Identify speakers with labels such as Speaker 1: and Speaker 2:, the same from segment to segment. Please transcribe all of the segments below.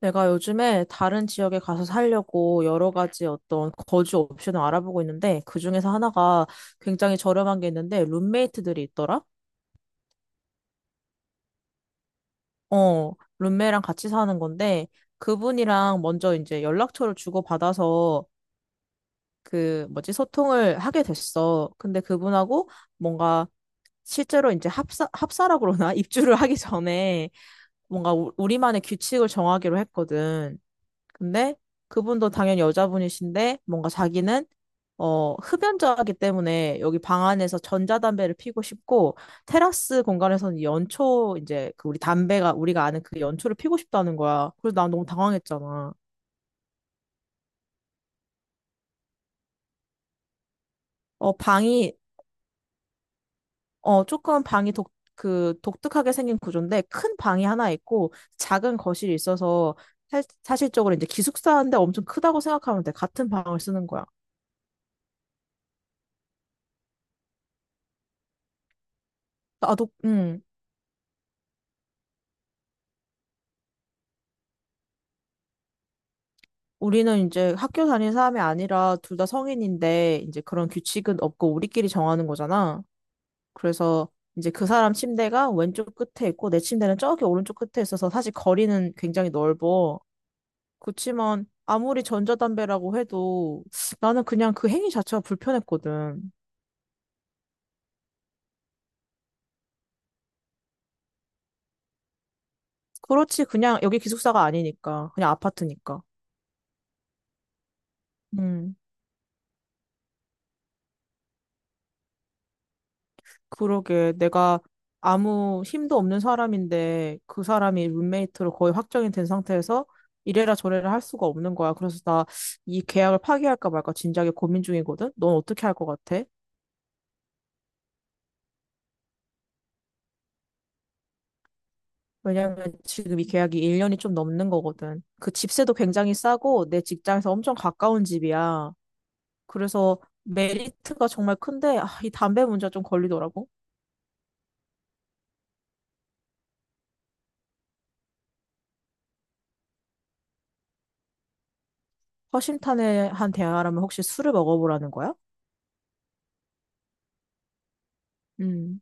Speaker 1: 내가 요즘에 다른 지역에 가서 살려고 여러 가지 어떤 거주 옵션을 알아보고 있는데 그중에서 하나가 굉장히 저렴한 게 있는데 룸메이트들이 있더라? 어, 룸메랑 같이 사는 건데 그분이랑 먼저 이제 연락처를 주고받아서 그 뭐지 소통을 하게 됐어. 근데 그분하고 뭔가 실제로 이제 합사라 그러나 입주를 하기 전에 뭔가 우리만의 규칙을 정하기로 했거든. 근데 그분도 당연히 여자분이신데 뭔가 자기는 흡연자이기 때문에 여기 방 안에서 전자담배를 피고 싶고 테라스 공간에서는 연초 이제 그 우리 담배가 우리가 아는 그 연초를 피고 싶다는 거야. 그래서 난 너무 당황했잖아. 어, 방이 조금 방이 독, 그 독특하게 생긴 구조인데 큰 방이 하나 있고 작은 거실이 있어서 실적으로 이제 기숙사인데 엄청 크다고 생각하면 돼. 같은 방을 쓰는 거야. 나도 우리는 이제 학교 다니는 사람이 아니라 둘 다 성인인데 이제 그런 규칙은 없고 우리끼리 정하는 거잖아. 그래서 이제 그 사람 침대가 왼쪽 끝에 있고 내 침대는 저기 오른쪽 끝에 있어서 사실 거리는 굉장히 넓어. 그렇지만 아무리 전자담배라고 해도 나는 그냥 그 행위 자체가 불편했거든. 그렇지, 그냥 여기 기숙사가 아니니까 그냥 아파트니까. 음. 그러게, 내가 아무 힘도 없는 사람인데 그 사람이 룸메이트로 거의 확정이 된 상태에서 이래라 저래라 할 수가 없는 거야. 그래서 나 이 계약을 파기할까 말까 진작에 고민 중이거든. 넌 어떻게 할 것 같아? 왜냐면 지금 이 계약이 1년이 좀 넘는 거거든. 그 집세도 굉장히 싸고 내 직장에서 엄청 가까운 집이야. 그래서 메리트가 정말 큰데 아, 이 담배 문제가 좀 걸리더라고. 허심탄회한 대화라면 혹시 술을 먹어보라는 거야? 음.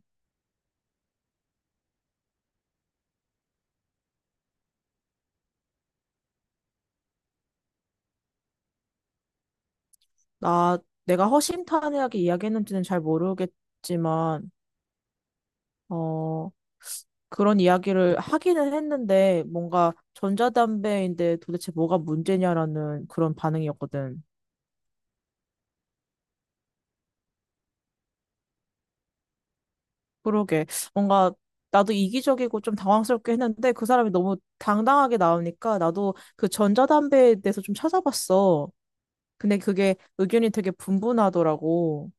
Speaker 1: 나, 내가 허심탄회하게 이야기했는지는 잘 모르겠지만, 어, 그런 이야기를 하기는 했는데, 뭔가 전자담배인데 도대체 뭐가 문제냐라는 그런 반응이었거든. 그러게. 뭔가 나도 이기적이고 좀 당황스럽게 했는데, 그 사람이 너무 당당하게 나오니까 나도 그 전자담배에 대해서 좀 찾아봤어. 근데 그게 의견이 되게 분분하더라고.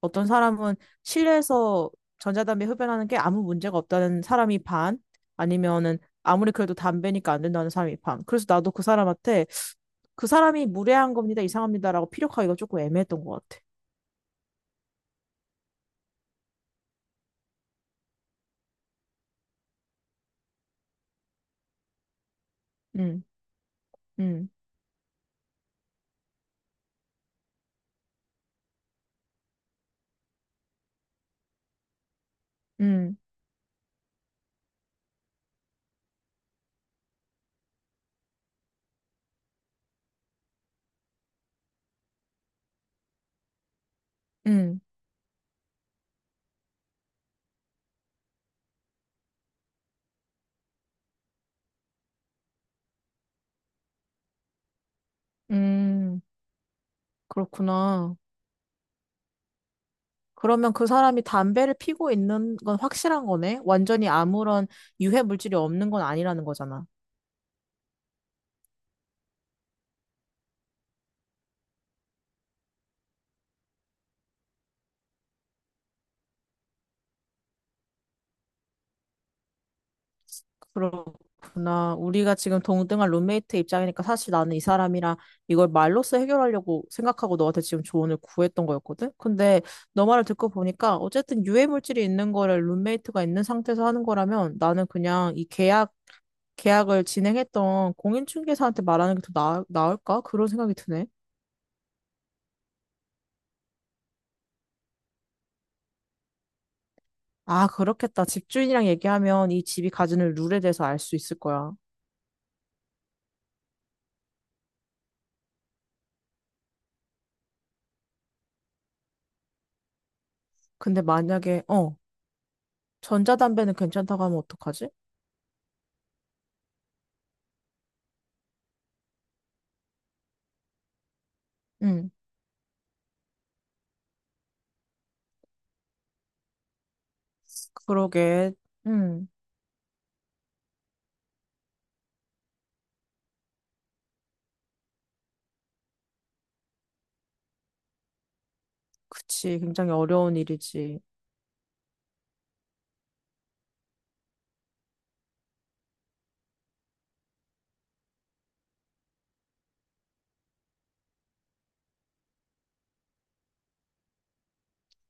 Speaker 1: 어떤 사람은 실내에서 전자담배 흡연하는 게 아무 문제가 없다는 사람이 반, 아니면은 아무리 그래도 담배니까 안 된다는 사람이 반. 그래서 나도 그 사람한테 그 사람이 무례한 겁니다, 이상합니다라고 피력하기가 조금 애매했던 것 같아. 음. 음. 음. 음. 음. 그렇구나. 그러면 그 사람이 담배를 피고 있는 건 확실한 거네? 완전히 아무런 유해 물질이 없는 건 아니라는 거잖아. 그렇구나. 우리가 지금 동등한 룸메이트 입장이니까 사실 나는 이 사람이랑 이걸 말로써 해결하려고 생각하고 너한테 지금 조언을 구했던 거였거든? 근데 너 말을 듣고 보니까 어쨌든 유해 물질이 있는 거를 룸메이트가 있는 상태에서 하는 거라면 나는 그냥 이 계약을 진행했던 공인중개사한테 말하는 게 더 나을까? 그런 생각이 드네. 아, 그렇겠다. 집주인이랑 얘기하면 이 집이 가지는 룰에 대해서 알 수 있을 거야. 근데 만약에, 전자담배는 괜찮다고 하면 어떡하지? 응. 그러게. 응. 그치, 굉장히 어려운 일이지.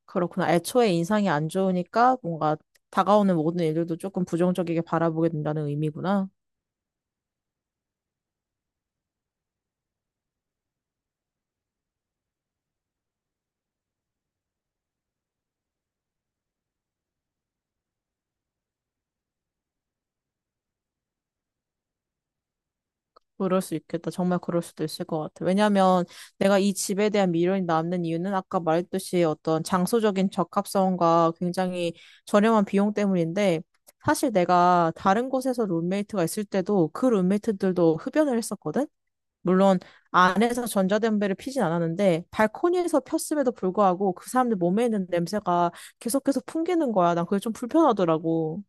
Speaker 1: 그렇구나. 애초에 인상이 안 좋으니까 뭔가 다가오는 모든 일들도 조금 부정적이게 바라보게 된다는 의미구나. 그럴 수 있겠다. 정말 그럴 수도 있을 것 같아. 왜냐하면 내가 이 집에 대한 미련이 남는 이유는 아까 말했듯이 어떤 장소적인 적합성과 굉장히 저렴한 비용 때문인데 사실 내가 다른 곳에서 룸메이트가 있을 때도 그 룸메이트들도 흡연을 했었거든? 물론 안에서 전자담배를 피진 않았는데 발코니에서 폈음에도 불구하고 그 사람들 몸에 있는 냄새가 계속해서 풍기는 거야. 난 그게 좀 불편하더라고.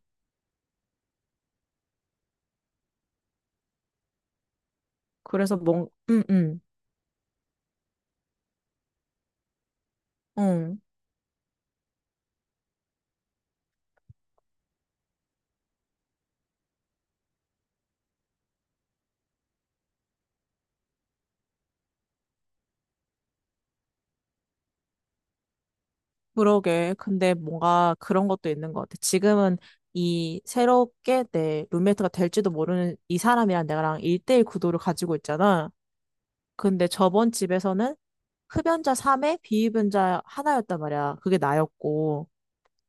Speaker 1: 그래서 응 응, 응. 그러게. 근데 뭔가 그런 것도 있는 것 같아. 지금은 이 새롭게 내 룸메이트가 될지도 모르는 이 사람이랑 내가랑 일대일 구도를 가지고 있잖아. 근데 저번 집에서는 흡연자 3에 비흡연자 하나였단 말이야. 그게 나였고.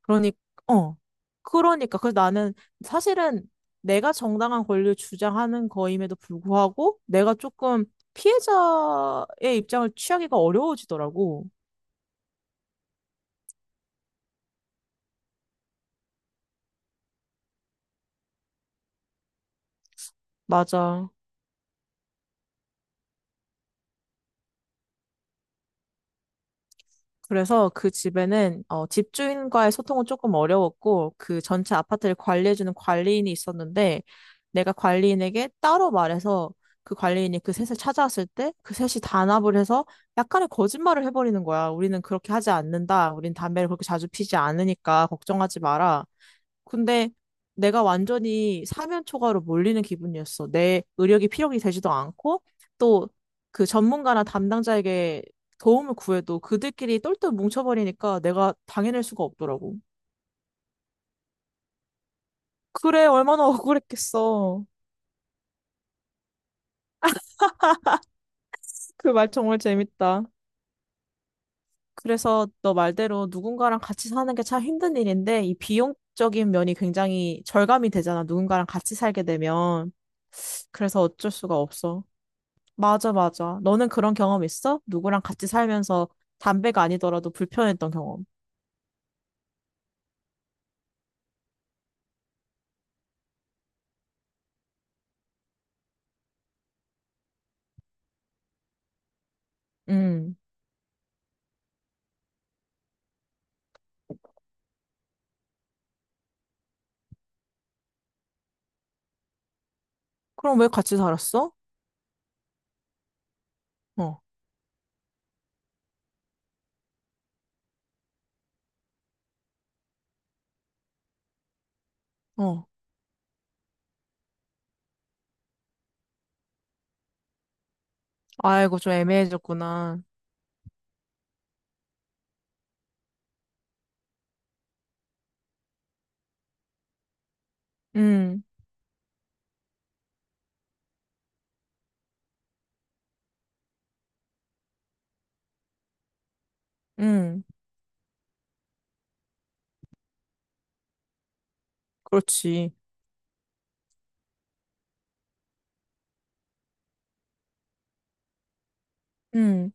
Speaker 1: 그러니, 어. 그러니까. 그래서 나는 사실은 내가 정당한 권리를 주장하는 거임에도 불구하고 내가 조금 피해자의 입장을 취하기가 어려워지더라고. 맞아. 그래서 그 집에는 집주인과의 소통은 조금 어려웠고 그 전체 아파트를 관리해주는 관리인이 있었는데 내가 관리인에게 따로 말해서 그 관리인이 그 셋을 찾아왔을 때 그 셋이 단합을 해서 약간의 거짓말을 해버리는 거야. 우리는 그렇게 하지 않는다. 우린 담배를 그렇게 자주 피지 않으니까 걱정하지 마라. 근데 내가 완전히 사면 초과로 몰리는 기분이었어. 내 의력이 필요하게 되지도 않고 또 그 전문가나 담당자에게 도움을 구해도 그들끼리 똘똘 뭉쳐버리니까 내가 당해낼 수가 없더라고. 그래, 얼마나 억울했겠어. 그 말 정말 재밌다. 그래서 너 말대로 누군가랑 같이 사는 게 참 힘든 일인데 이 비용적인 면이 굉장히 절감이 되잖아. 누군가랑 같이 살게 되면. 그래서 어쩔 수가 없어. 맞아, 맞아. 너는 그런 경험 있어? 누구랑 같이 살면서 담배가 아니더라도 불편했던 경험. 음. 그럼 왜 같이 살았어? 어, 어. 아이고, 좀 애매해졌구나. 음. 음. 그렇지. 음.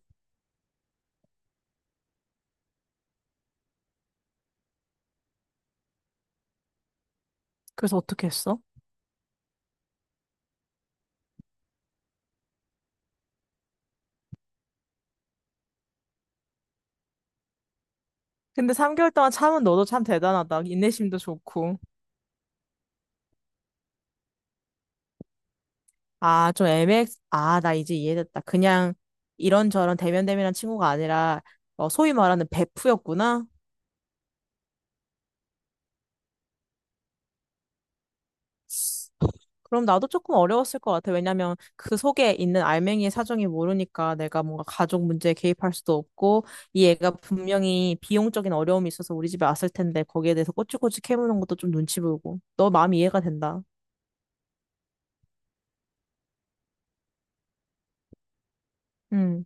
Speaker 1: 그래서 어떻게 했어? 근데 3개월 동안 참은 너도 참 대단하다. 인내심도 좋고. 아, 좀 아, 나 이제 이해됐다. 그냥 이런저런 대면대면한 친구가 아니라 소위 말하는 베프였구나. 그럼 나도 조금 어려웠을 것 같아. 왜냐면 그 속에 있는 알맹이의 사정이 모르니까 내가 뭔가 가족 문제에 개입할 수도 없고 이 애가 분명히 비용적인 어려움이 있어서 우리 집에 왔을 텐데 거기에 대해서 꼬치꼬치 캐무는 것도 좀 눈치 보이고. 너 마음이 이해가 된다. 음.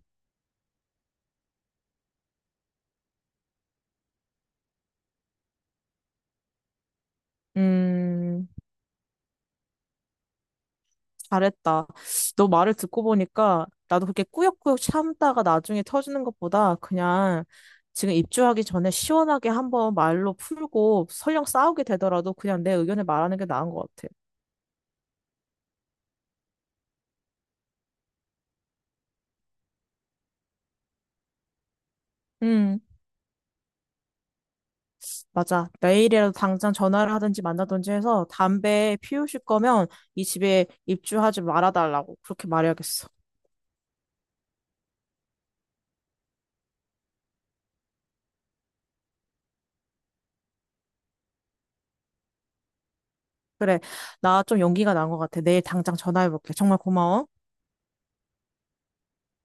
Speaker 1: 음. 잘했다. 너 말을 듣고 보니까 나도 그렇게 꾸역꾸역 참다가 나중에 터지는 것보다 그냥 지금 입주하기 전에 시원하게 한번 말로 풀고 설령 싸우게 되더라도 그냥 내 의견을 말하는 게 나은 것 같아. 음. 맞아. 내일이라도 당장 전화를 하든지 만나든지 해서 담배 피우실 거면 이 집에 입주하지 말아달라고 그렇게 말해야겠어. 그래. 나 좀 용기가 난 것 같아. 내일 당장 전화해볼게. 정말 고마워.